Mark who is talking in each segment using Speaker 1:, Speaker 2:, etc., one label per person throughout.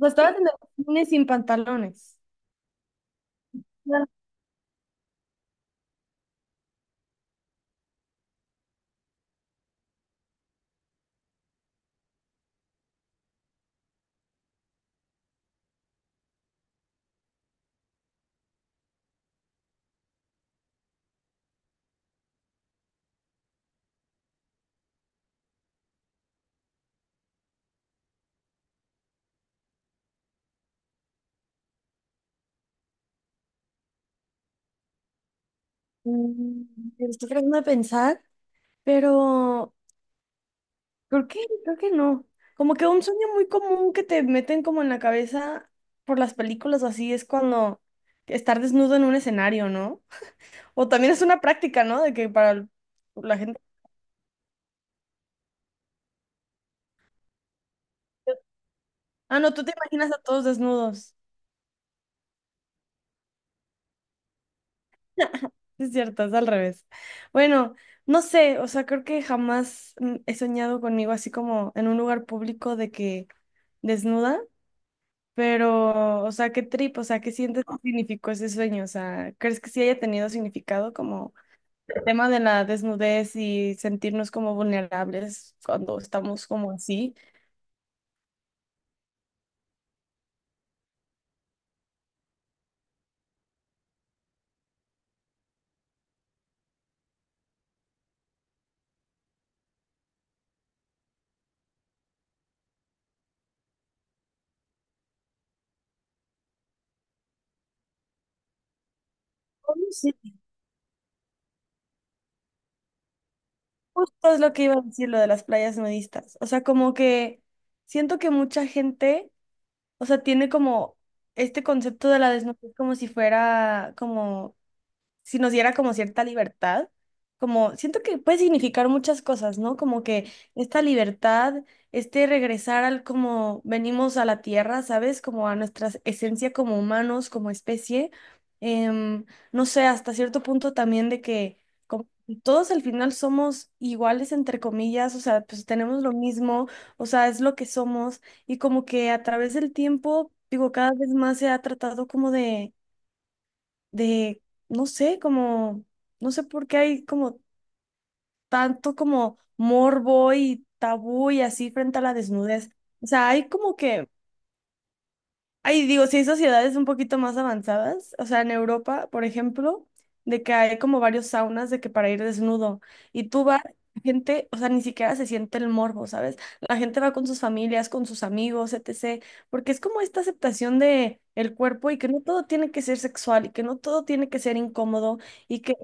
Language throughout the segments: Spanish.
Speaker 1: Costaba tener cine sin pantalones. Ah, mm, estoy tratando de pensar, pero creo que no. Como que un sueño muy común que te meten como en la cabeza por las películas o así es cuando estar desnudo en un escenario, ¿no? O también es una práctica, ¿no? De que para el- La gente... Ah, no, tú te imaginas a todos desnudos. Sí, es cierto, es al revés. Bueno, no sé, o sea, creo que jamás he soñado conmigo así como en un lugar público de que desnuda. Pero, o sea, qué trip, o sea, ¿qué sientes que significó ese sueño? O sea, ¿crees que sí haya tenido significado como tema de la desnudez y sentirnos como vulnerables cuando estamos como así? Bueno, sí. Justo es lo que iba a decir, lo de las playas nudistas. O sea, como que siento que mucha gente, o sea, tiene como este concepto de la desnudez como si fuera como si nos diera como cierta libertad, como siento que puede significar muchas cosas, ¿no? Como que esta libertad, este regresar al como venimos a la tierra, ¿sabes? Como a nuestra esencia como humanos, como especie. Em, no sé, hasta cierto punto también de que como todos al final somos iguales, entre comillas, o sea, pues tenemos lo mismo, o sea, es lo que somos y como que a través del tiempo, digo, cada vez más se ha tratado como de, no sé, como, no sé por qué hay como tanto como morbo y tabú y así frente a la desnudez. O sea, hay como que, ahí digo, sí hay sociedades un poquito más avanzadas, o sea, en Europa, por ejemplo, de que hay como varios saunas de que para ir desnudo y tú vas... la gente, o sea, ni siquiera se siente el morbo, ¿sabes? La gente va con sus familias, con sus amigos, etc. Porque es como esta aceptación de el cuerpo y que no todo tiene que ser sexual y que no todo tiene que ser incómodo y que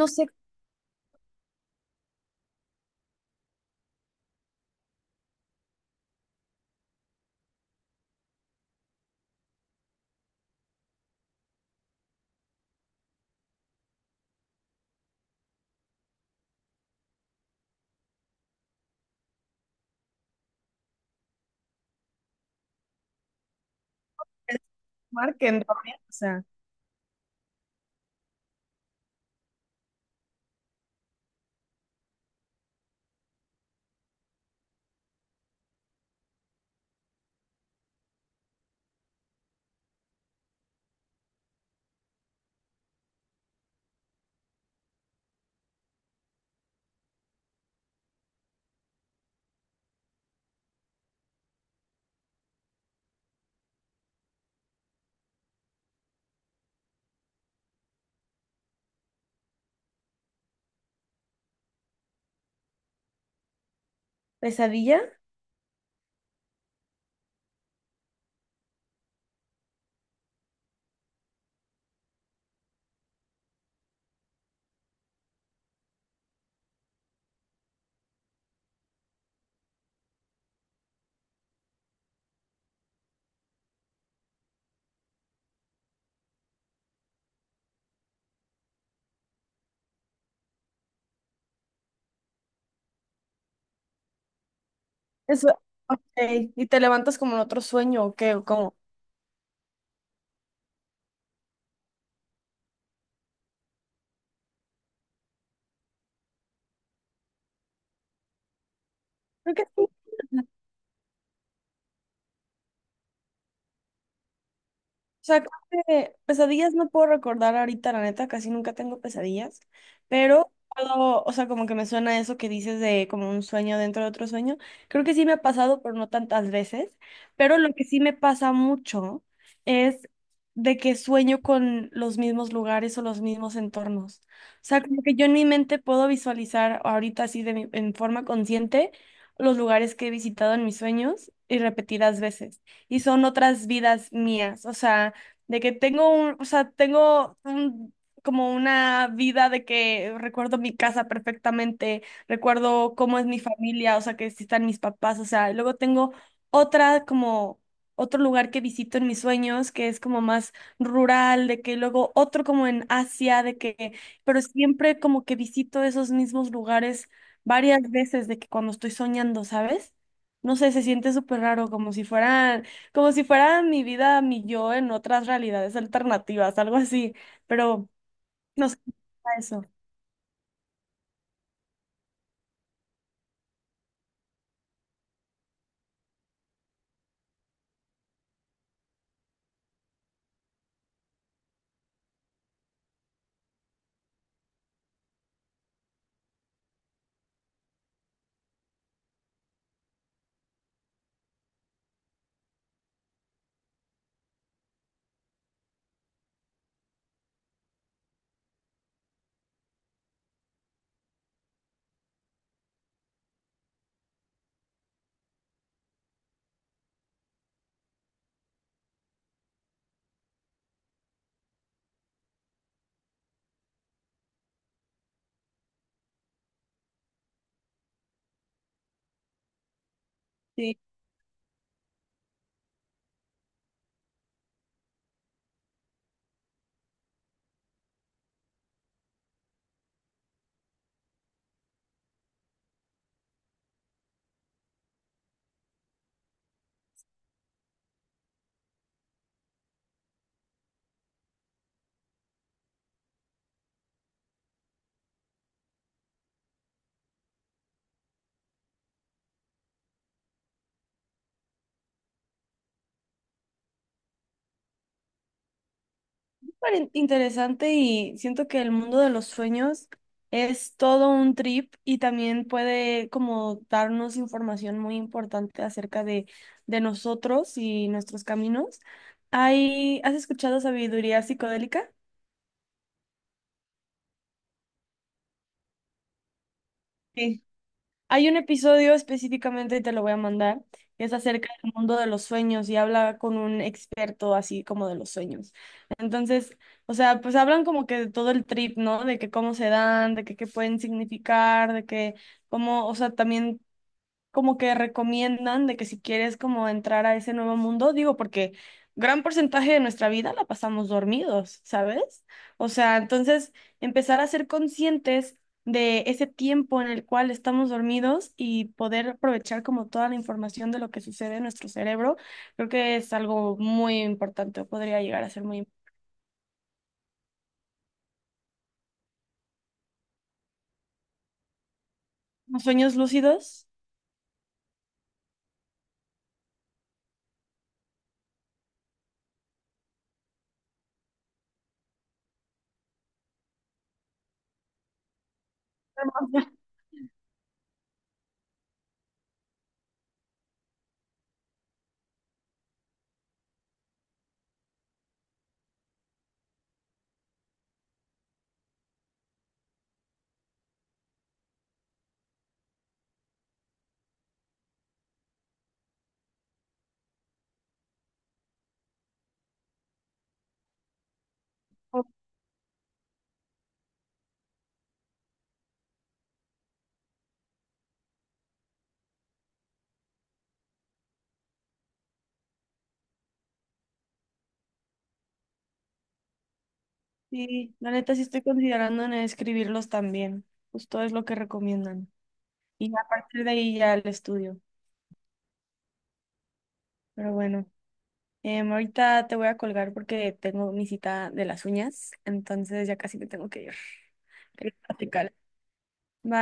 Speaker 1: no sé marquen dormir, o sea, pesadilla. Eso, ok. ¿Y te levantas como en otro sueño o qué? ¿O cómo? Creo que sí. O sea, creo que pesadillas no puedo recordar ahorita, la neta, casi nunca tengo pesadillas, pero puedo, o sea, como que me suena eso que dices de como un sueño dentro de otro sueño. Creo que sí me ha pasado, pero no tantas veces, pero lo que sí me pasa mucho es de que sueño con los mismos lugares o los mismos entornos. O sea, como que yo en mi mente puedo visualizar ahorita así de mi- en forma consciente los lugares que he visitado en mis sueños y repetidas veces y son otras vidas mías. O sea, de que tengo un, o sea, tengo un, como una vida de que recuerdo mi casa perfectamente, recuerdo cómo es mi familia, o sea, que si están mis papás, o sea, y luego tengo otra como otro lugar que visito en mis sueños, que es como más rural, de que luego otro como en Asia, de que, pero siempre como que visito esos mismos lugares varias veces de que cuando estoy soñando, ¿sabes? No sé, se siente súper raro, como si fuera mi vida, mi yo en otras realidades alternativas, algo así, pero no sé, eso. Sí, interesante y siento que el mundo de los sueños es todo un trip y también puede como darnos información muy importante acerca de nosotros y nuestros caminos. Hay, ¿has escuchado sabiduría psicodélica? Sí, hay un episodio específicamente, te lo voy a mandar, que es acerca del mundo de los sueños y habla con un experto así como de los sueños. Entonces, o sea, pues hablan como que de todo el trip, ¿no? De que cómo se dan, de que qué pueden significar, de que cómo, o sea, también como que recomiendan de que si quieres como entrar a ese nuevo mundo, digo, porque gran porcentaje de nuestra vida la pasamos dormidos, ¿sabes? O sea, entonces empezar a ser conscientes de ese tiempo en el cual estamos dormidos y poder aprovechar como toda la información de lo que sucede en nuestro cerebro, creo que es algo muy importante o podría llegar a ser muy importante. ¿Los sueños lúcidos? Sí, la neta sí estoy considerando en escribirlos también. Justo es lo que recomiendan. Y a partir de ahí ya el estudio. Pero bueno, ahorita te voy a colgar porque tengo mi cita de las uñas, entonces ya casi me tengo que ir. Quería platicar. Bye.